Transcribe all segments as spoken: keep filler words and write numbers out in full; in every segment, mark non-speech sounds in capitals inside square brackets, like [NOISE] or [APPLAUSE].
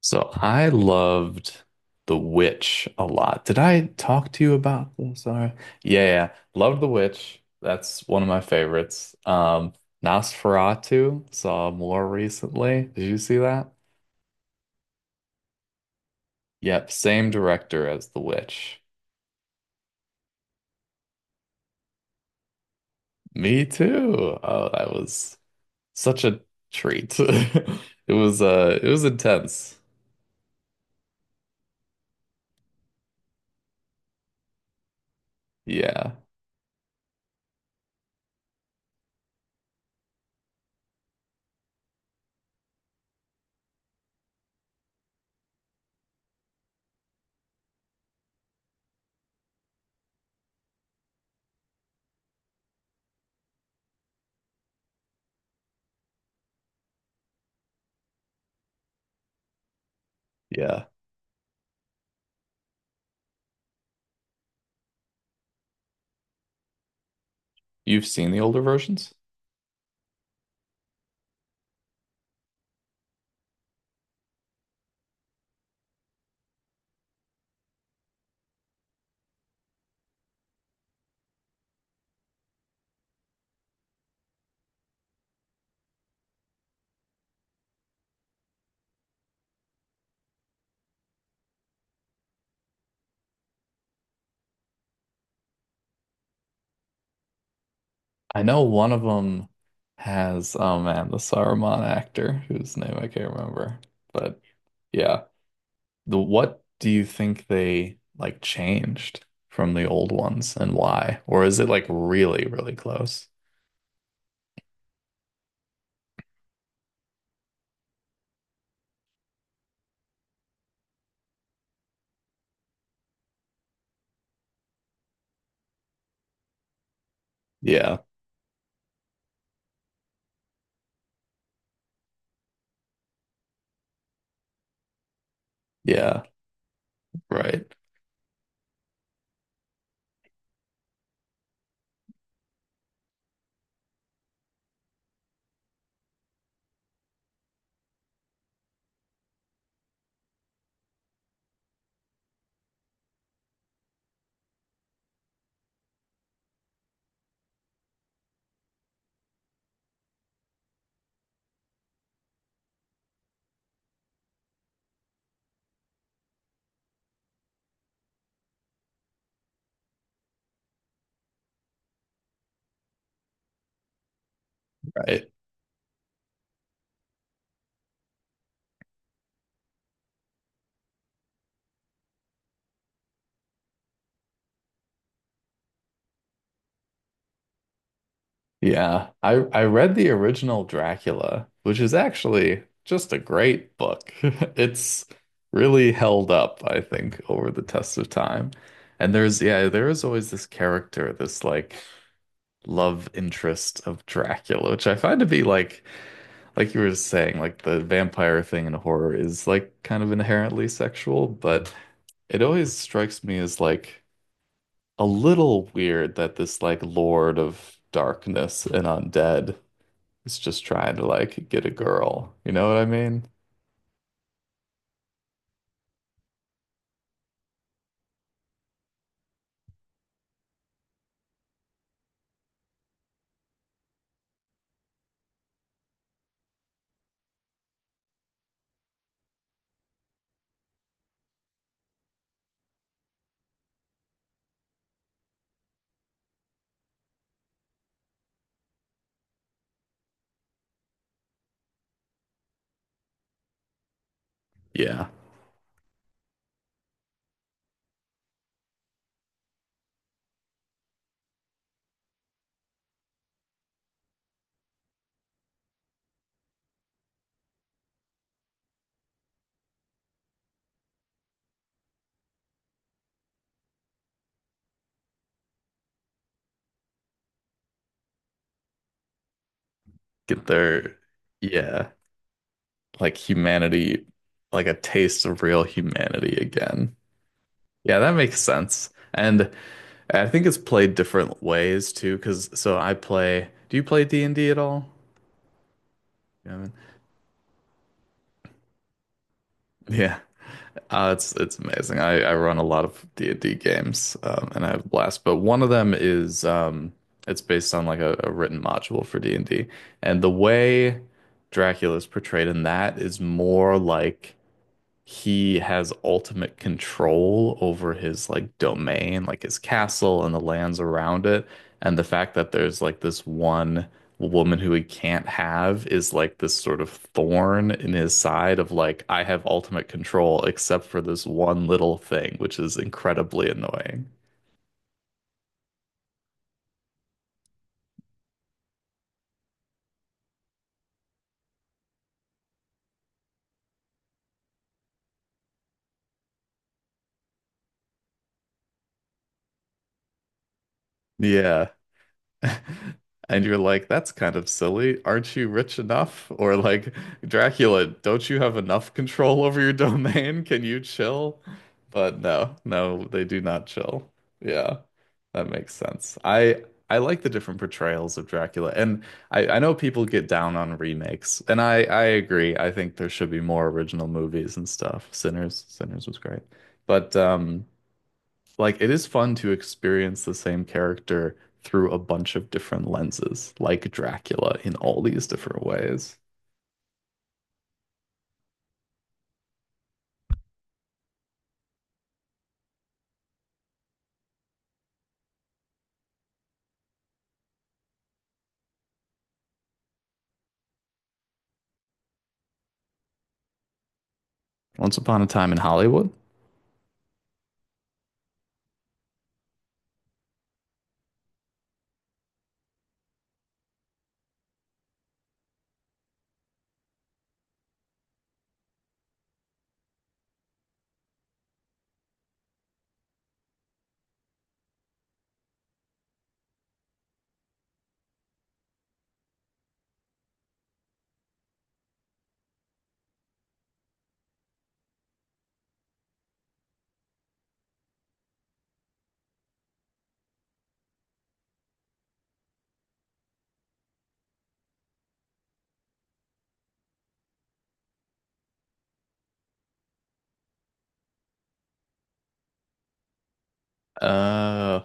So I loved The Witch a lot. Did I talk to you about this? Sorry. Yeah, yeah, yeah. loved The Witch. That's one of my favorites. Um, Nosferatu saw more recently. Did you see that? Yep, same director as The Witch. Me too. Oh, that was such a treat. [LAUGHS] It was uh it was intense. Yeah. Yeah. You've seen the older versions? I know one of them has, oh man, the Saruman actor whose name I can't remember. But yeah, the what do you think they like changed from the old ones and why? Or is it like really, really close? Yeah, yeah, right, right. Yeah, I I read the original Dracula, which is actually just a great book. [LAUGHS] It's really held up, I think, over the test of time. And there's yeah, there is always this character, this like love interest of Dracula, which I find to be like like you were saying, like the vampire thing in horror is like kind of inherently sexual, but it always strikes me as like a little weird that this like Lord of Darkness and undead it's just trying to like get a girl. You know what I mean? Yeah. Get their, yeah, like humanity, like a taste of real humanity again. Yeah, that makes sense. And I think it's played different ways too, because so I play, do you play D and D at all? Yeah, man. Yeah. Uh, it's it's amazing. I, I run a lot of D and D games, um, and I have a blast. But one of them is um, it's based on like a, a written module for D and D. And D, and the way Dracula is portrayed in that is more like he has ultimate control over his like domain, like his castle and the lands around it. And the fact that there's like this one woman who he can't have is like this sort of thorn in his side of like, I have ultimate control except for this one little thing, which is incredibly annoying. Yeah. [LAUGHS] And you're like, that's kind of silly. Aren't you rich enough? Or like, Dracula, don't you have enough control over your domain? [LAUGHS] Can you chill? But no, no, they do not chill. Yeah, that makes sense. I I like the different portrayals of Dracula. And I, I know people get down on remakes, and I I agree. I think there should be more original movies and stuff. Sinners, Sinners was great. But um like it is fun to experience the same character through a bunch of different lenses, like Dracula in all these different ways. Once upon a time in Hollywood. Uh,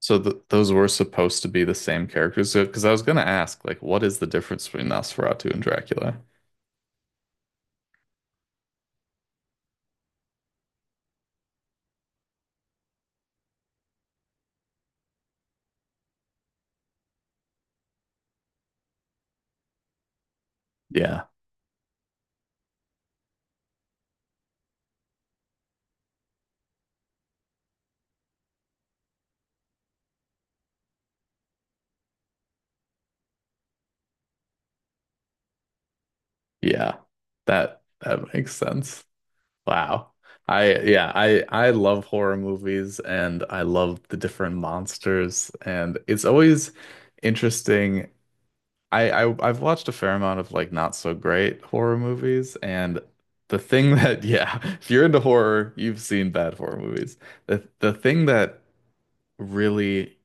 so th those were supposed to be the same characters. So, because I was gonna ask, like, what is the difference between Nosferatu and Dracula? Yeah, yeah, that that makes sense. Wow. I yeah, I I love horror movies and I love the different monsters and it's always interesting. I, I I've watched a fair amount of like not so great horror movies, and the thing that yeah, [LAUGHS] if you're into horror, you've seen bad horror movies. The the thing that really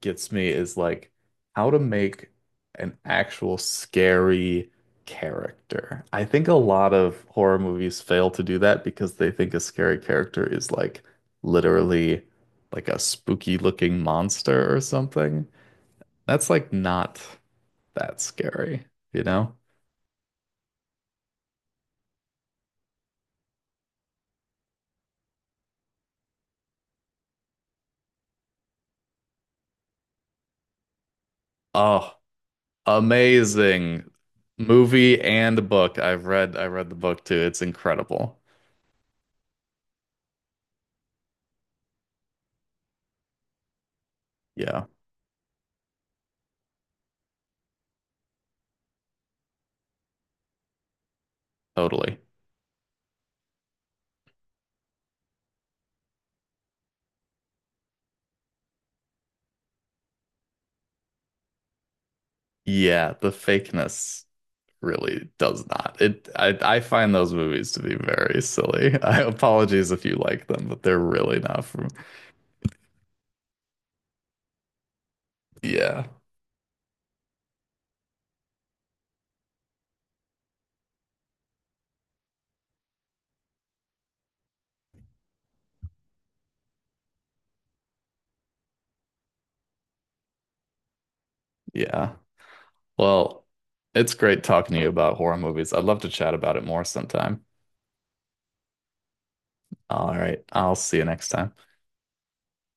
gets me is like how to make an actual scary character. I think a lot of horror movies fail to do that because they think a scary character is like literally like a spooky looking monster or something. That's like not that's scary, you know? Oh, amazing movie and book. I've read I read the book too. It's incredible. Yeah, totally. Yeah, the fakeness really does not. It I I find those movies to be very silly. [LAUGHS] I apologies if you like them, but they're really not for me. Yeah. Yeah. Well, it's great talking to you about horror movies. I'd love to chat about it more sometime. All right. I'll see you next time.